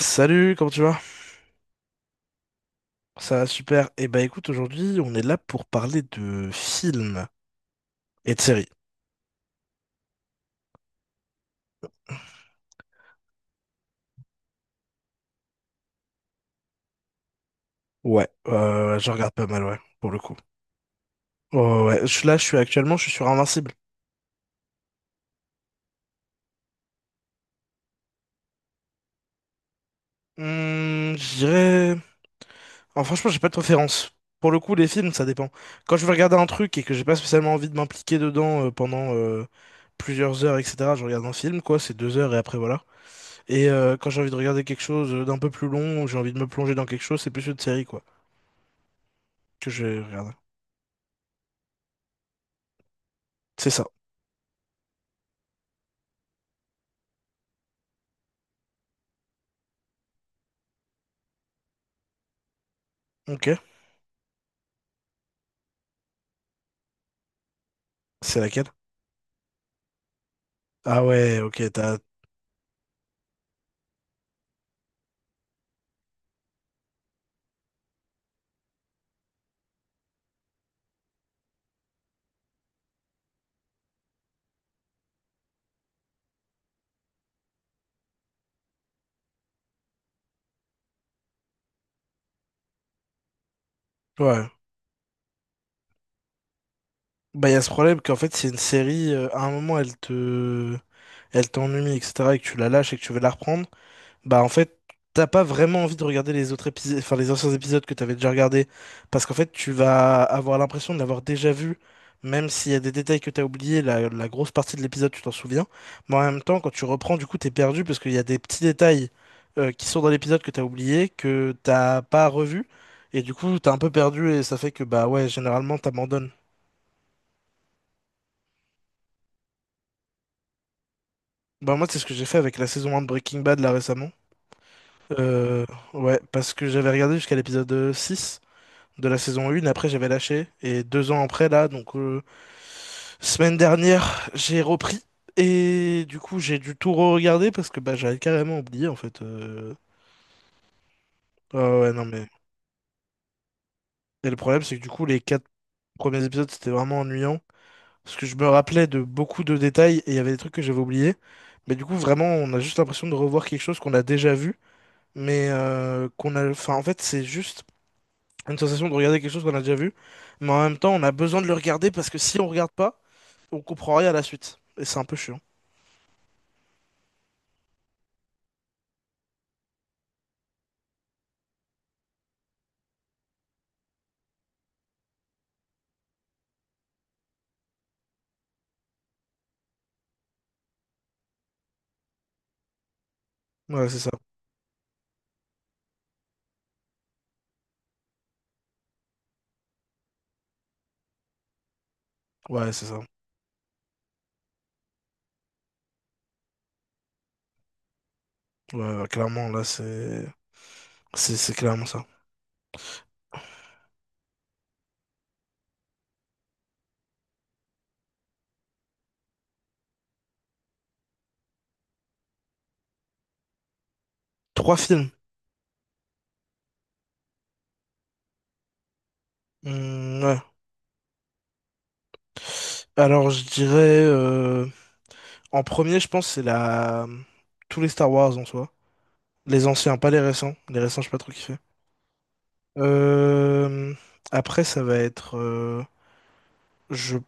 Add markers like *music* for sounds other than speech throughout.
Salut, comment tu vas? Ça va super. Et bah écoute, aujourd'hui, on est là pour parler de films et de séries. Ouais, je regarde pas mal, ouais, pour le coup. Ouais, ouais, ouais, là, je suis sur Invincible. Je dirais... Ah, franchement, j'ai pas de préférence. Pour le coup, les films, ça dépend. Quand je vais regarder un truc et que j'ai pas spécialement envie de m'impliquer dedans pendant plusieurs heures, etc., je regarde un film, quoi, c'est deux heures et après, voilà. Et quand j'ai envie de regarder quelque chose d'un peu plus long, ou j'ai envie de me plonger dans quelque chose, c'est plus une série, quoi, que je vais regarder. C'est ça. Ok. C'est laquelle? Ah ouais, ok, t'as... Ouais. Bah, il y a ce problème qu'en fait, c'est une série, à un moment, elle te... Elle t'ennuie, etc., et que tu la lâches et que tu veux la reprendre. Bah en fait, t'as pas vraiment envie de regarder les autres épisodes, enfin les anciens épisodes que t'avais déjà regardés, parce qu'en fait tu vas avoir l'impression de l'avoir déjà vu, même s'il y a des détails que t'as oubliés, la grosse partie de l'épisode tu t'en souviens, mais en même temps quand tu reprends, du coup t'es perdu parce qu'il y a des petits détails qui sont dans l'épisode, que t'as oublié, que t'as pas revu, et du coup t'es un peu perdu et ça fait que bah ouais, généralement t'abandonnes. Bah moi, c'est ce que j'ai fait avec la saison un de Breaking Bad là récemment. Euh, ouais, parce que j'avais regardé jusqu'à l'épisode 6. De la saison 1. Après, j'avais lâché. Et deux ans après, là, donc semaine dernière, j'ai repris. Et du coup, j'ai dû tout re-regarder parce que bah, j'avais carrément oublié, en fait. Ah ouais, non, mais. Et le problème, c'est que du coup, les quatre premiers épisodes, c'était vraiment ennuyant. Parce que je me rappelais de beaucoup de détails et il y avait des trucs que j'avais oubliés. Mais du coup, vraiment, on a juste l'impression de revoir quelque chose qu'on a déjà vu. Mais qu'on a. Enfin, en fait, c'est juste une sensation de regarder quelque chose qu'on a déjà vu. Mais en même temps, on a besoin de le regarder parce que si on regarde pas, on comprend rien à la suite. Et c'est un peu chiant. Ouais, c'est ça. Ouais, c'est ça. Ouais, ouais, clairement, là, c'est... C'est clairement ça. Trois films. Hmm, ouais. Alors, je dirais... en premier, je pense, c'est la... Tous les Star Wars, en soi. Les anciens, pas les récents. Les récents, je sais pas trop kiffé. Euh... Après, ça va être... je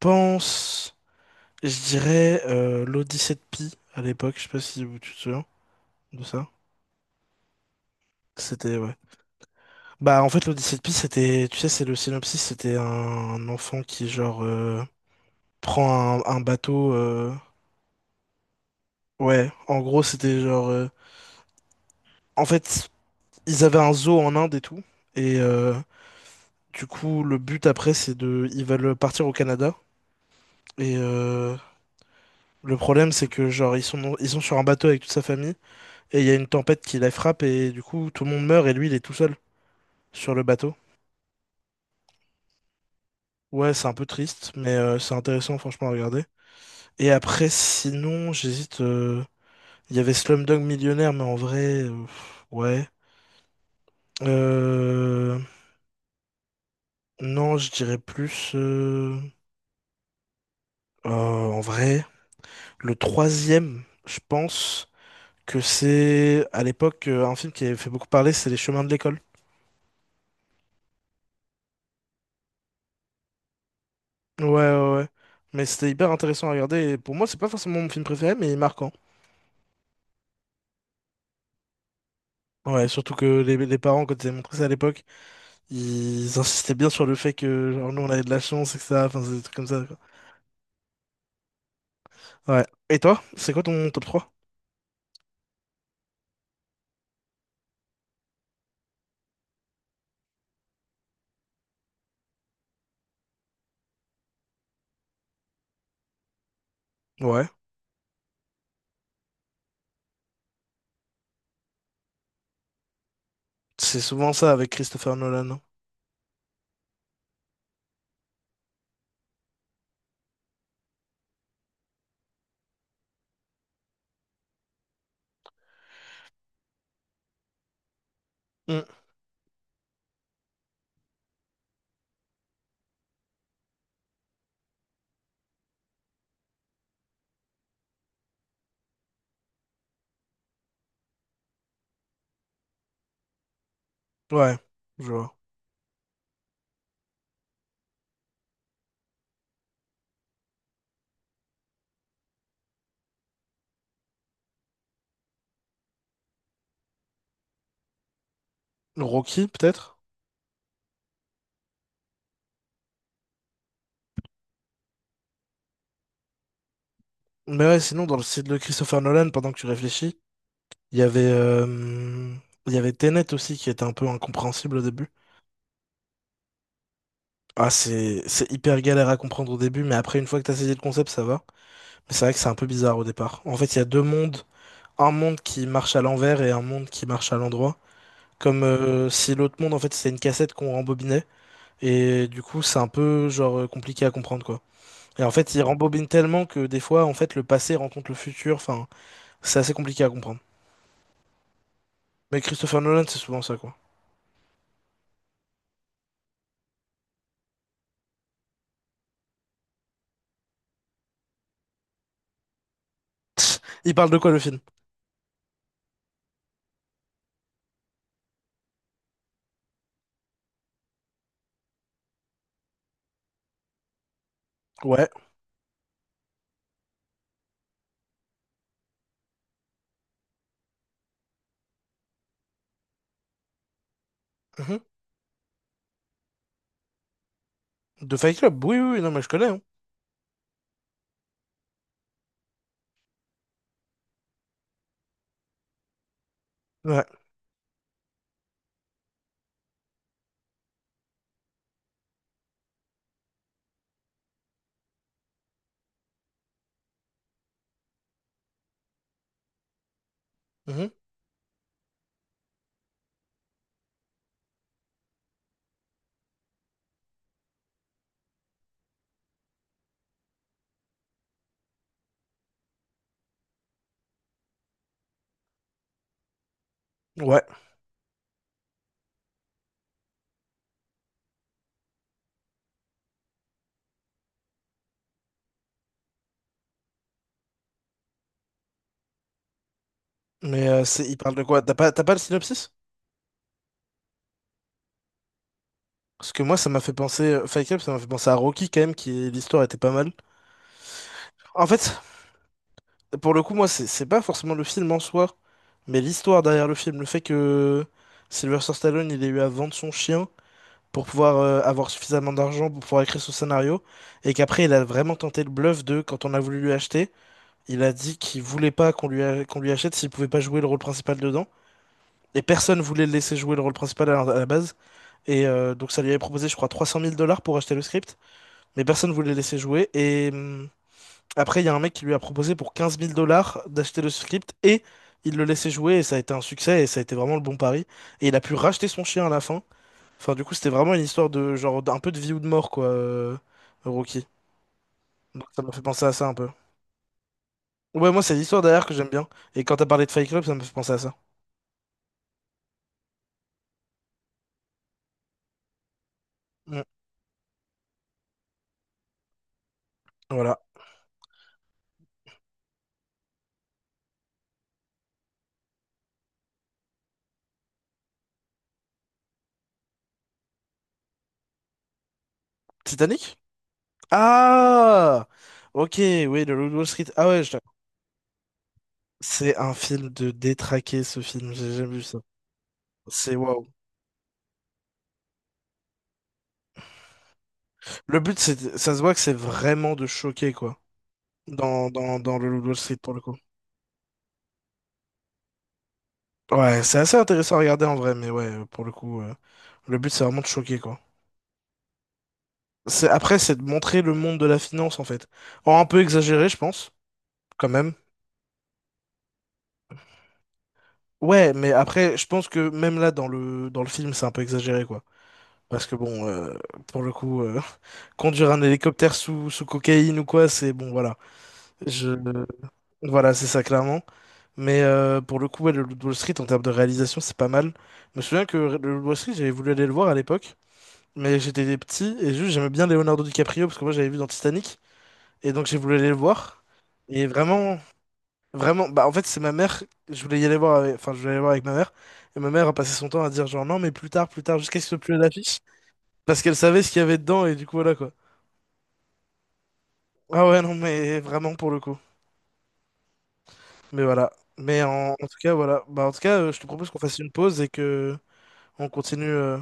pense... Je dirais l'Odyssée de Pi, à l'époque. Je sais pas si tu te souviens de ça. C'était... ouais. Bah en fait, l'Odyssée de Pi, c'était, tu sais, c'est le synopsis, c'était un enfant qui, genre, prend un bateau ouais, en gros c'était, genre, en fait, ils avaient un zoo en Inde et tout, et du coup le but après, c'est de, ils veulent partir au Canada, et le problème, c'est que, genre, ils sont sur un bateau avec toute sa famille, et il y a une tempête qui la frappe, et du coup tout le monde meurt et lui il est tout seul sur le bateau. Ouais, c'est un peu triste, mais c'est intéressant, franchement, à regarder. Et après, sinon, j'hésite, il y avait Slumdog Millionnaire, mais en vrai, ouais. Euh, non, je dirais plus. En vrai, le troisième, je pense que c'est à l'époque, un film qui avait fait beaucoup parler, c'est Les Chemins de l'école. Ouais, ouais, ouais. Mais c'était hyper intéressant à regarder. Et pour moi, c'est pas forcément mon film préféré, mais il est marquant. Ouais, surtout que les parents, quand ils avaient montré ça à l'époque, ils insistaient bien sur le fait que, genre, nous, on avait de la chance, et etc. Enfin, c'est des trucs comme ça, quoi. Ouais. Et toi, c'est quoi ton top trois? Ouais. C'est souvent ça avec Christopher Nolan, hein. Hmm, ouais, je vois. Rocky, peut-être? Mais ouais, sinon, dans le style de Christopher Nolan, pendant que tu réfléchis, il y avait, euh, il y avait Tenet aussi qui était un peu incompréhensible au début. Ah, c'est hyper galère à comprendre au début, mais après, une fois que t'as saisi le concept, ça va. Mais c'est vrai que c'est un peu bizarre au départ. En fait, il y a deux mondes. Un monde qui marche à l'envers et un monde qui marche à l'endroit. Comme si l'autre monde, en fait, c'était une cassette qu'on rembobinait. Et du coup, c'est un peu, genre, compliqué à comprendre, quoi. Et en fait, il rembobine tellement que des fois, en fait, le passé rencontre le futur. Enfin, c'est assez compliqué à comprendre. Mais Christopher Nolan, c'est souvent ça, quoi. *laughs* Il parle de quoi, le film? Ouais. Mhm. De Fight Club? Oui, oui, oui, non, mais je connais, hein. Ouais. Mhm. Ouais. Mais il parle de quoi? t'as pas, le synopsis? Parce que moi, ça m'a fait penser, Fight Club, ça m'a fait penser à Rocky, quand même, qui l'histoire était pas mal. En fait, pour le coup, moi, c'est pas forcément le film en soi, mais l'histoire derrière le film. Le fait que Sylvester Stallone, il ait eu à vendre son chien pour pouvoir avoir suffisamment d'argent pour pouvoir écrire son scénario, et qu'après il a vraiment tenté le bluff de, quand on a voulu lui acheter, il a dit qu'il voulait pas qu'on lui achète s'il pouvait pas jouer le rôle principal dedans, et personne voulait le laisser jouer le rôle principal à la base, et donc ça lui avait proposé, je crois, 300000 dollars pour acheter le script, mais personne voulait le laisser jouer, et après il y a un mec qui lui a proposé pour 15000 dollars d'acheter le script, et il le laissait jouer, et ça a été un succès, et ça a été vraiment le bon pari, et il a pu racheter son chien à la fin. Enfin, du coup, c'était vraiment une histoire de genre d'un peu de vie ou de mort, quoi, Rocky. Donc, ça m'a fait penser à ça un peu. Ouais, moi, c'est l'histoire derrière que j'aime bien. Et quand t'as parlé de Fight Club, ça me fait penser à ça. Mm. Voilà. Titanic? Ah! Ok, oui, le Loup de Wall Street. Ah ouais, je... c'est un film de détraqué, ce film. J'ai jamais vu ça. C'est waouh. Le but, c'est, ça se voit que c'est vraiment de choquer, quoi. Dans le Loup de Wall Street, pour le coup. Ouais, c'est assez intéressant à regarder en vrai, mais ouais, pour le coup, le but, c'est vraiment de choquer, quoi. Après, c'est de montrer le monde de la finance, en fait. En un peu exagéré, je pense, quand même. Ouais, mais après, je pense que même là, dans le film, c'est un peu exagéré, quoi. Parce que bon, pour le coup, *laughs* conduire un hélicoptère sous cocaïne ou quoi, c'est bon, voilà. Je, voilà, c'est ça clairement. Mais pour le coup, ouais, le Loup de Wall Street, en termes de réalisation, c'est pas mal. Je me souviens que le Loup de Wall Street, j'avais voulu aller le voir à l'époque. Mais j'étais petit et juste j'aimais bien Leonardo DiCaprio parce que moi j'avais vu dans Titanic, et donc j'ai voulu aller le voir. Et vraiment, vraiment, bah en fait c'est ma mère, je voulais y aller voir avec, enfin je voulais aller voir avec ma mère, et ma mère a passé son temps à dire, genre, non, mais plus tard, jusqu'à ce que plus l'affiche, parce qu'elle savait ce qu'il y avait dedans, et du coup, voilà, quoi. Ah ouais, non mais vraiment, pour le coup. Mais voilà. Mais en tout cas voilà, bah en tout cas, je te propose qu'on fasse une pause et que on continue,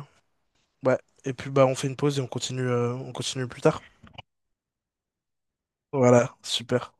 ouais. Et puis bah on fait une pause et on continue, on continue plus tard. Voilà, super.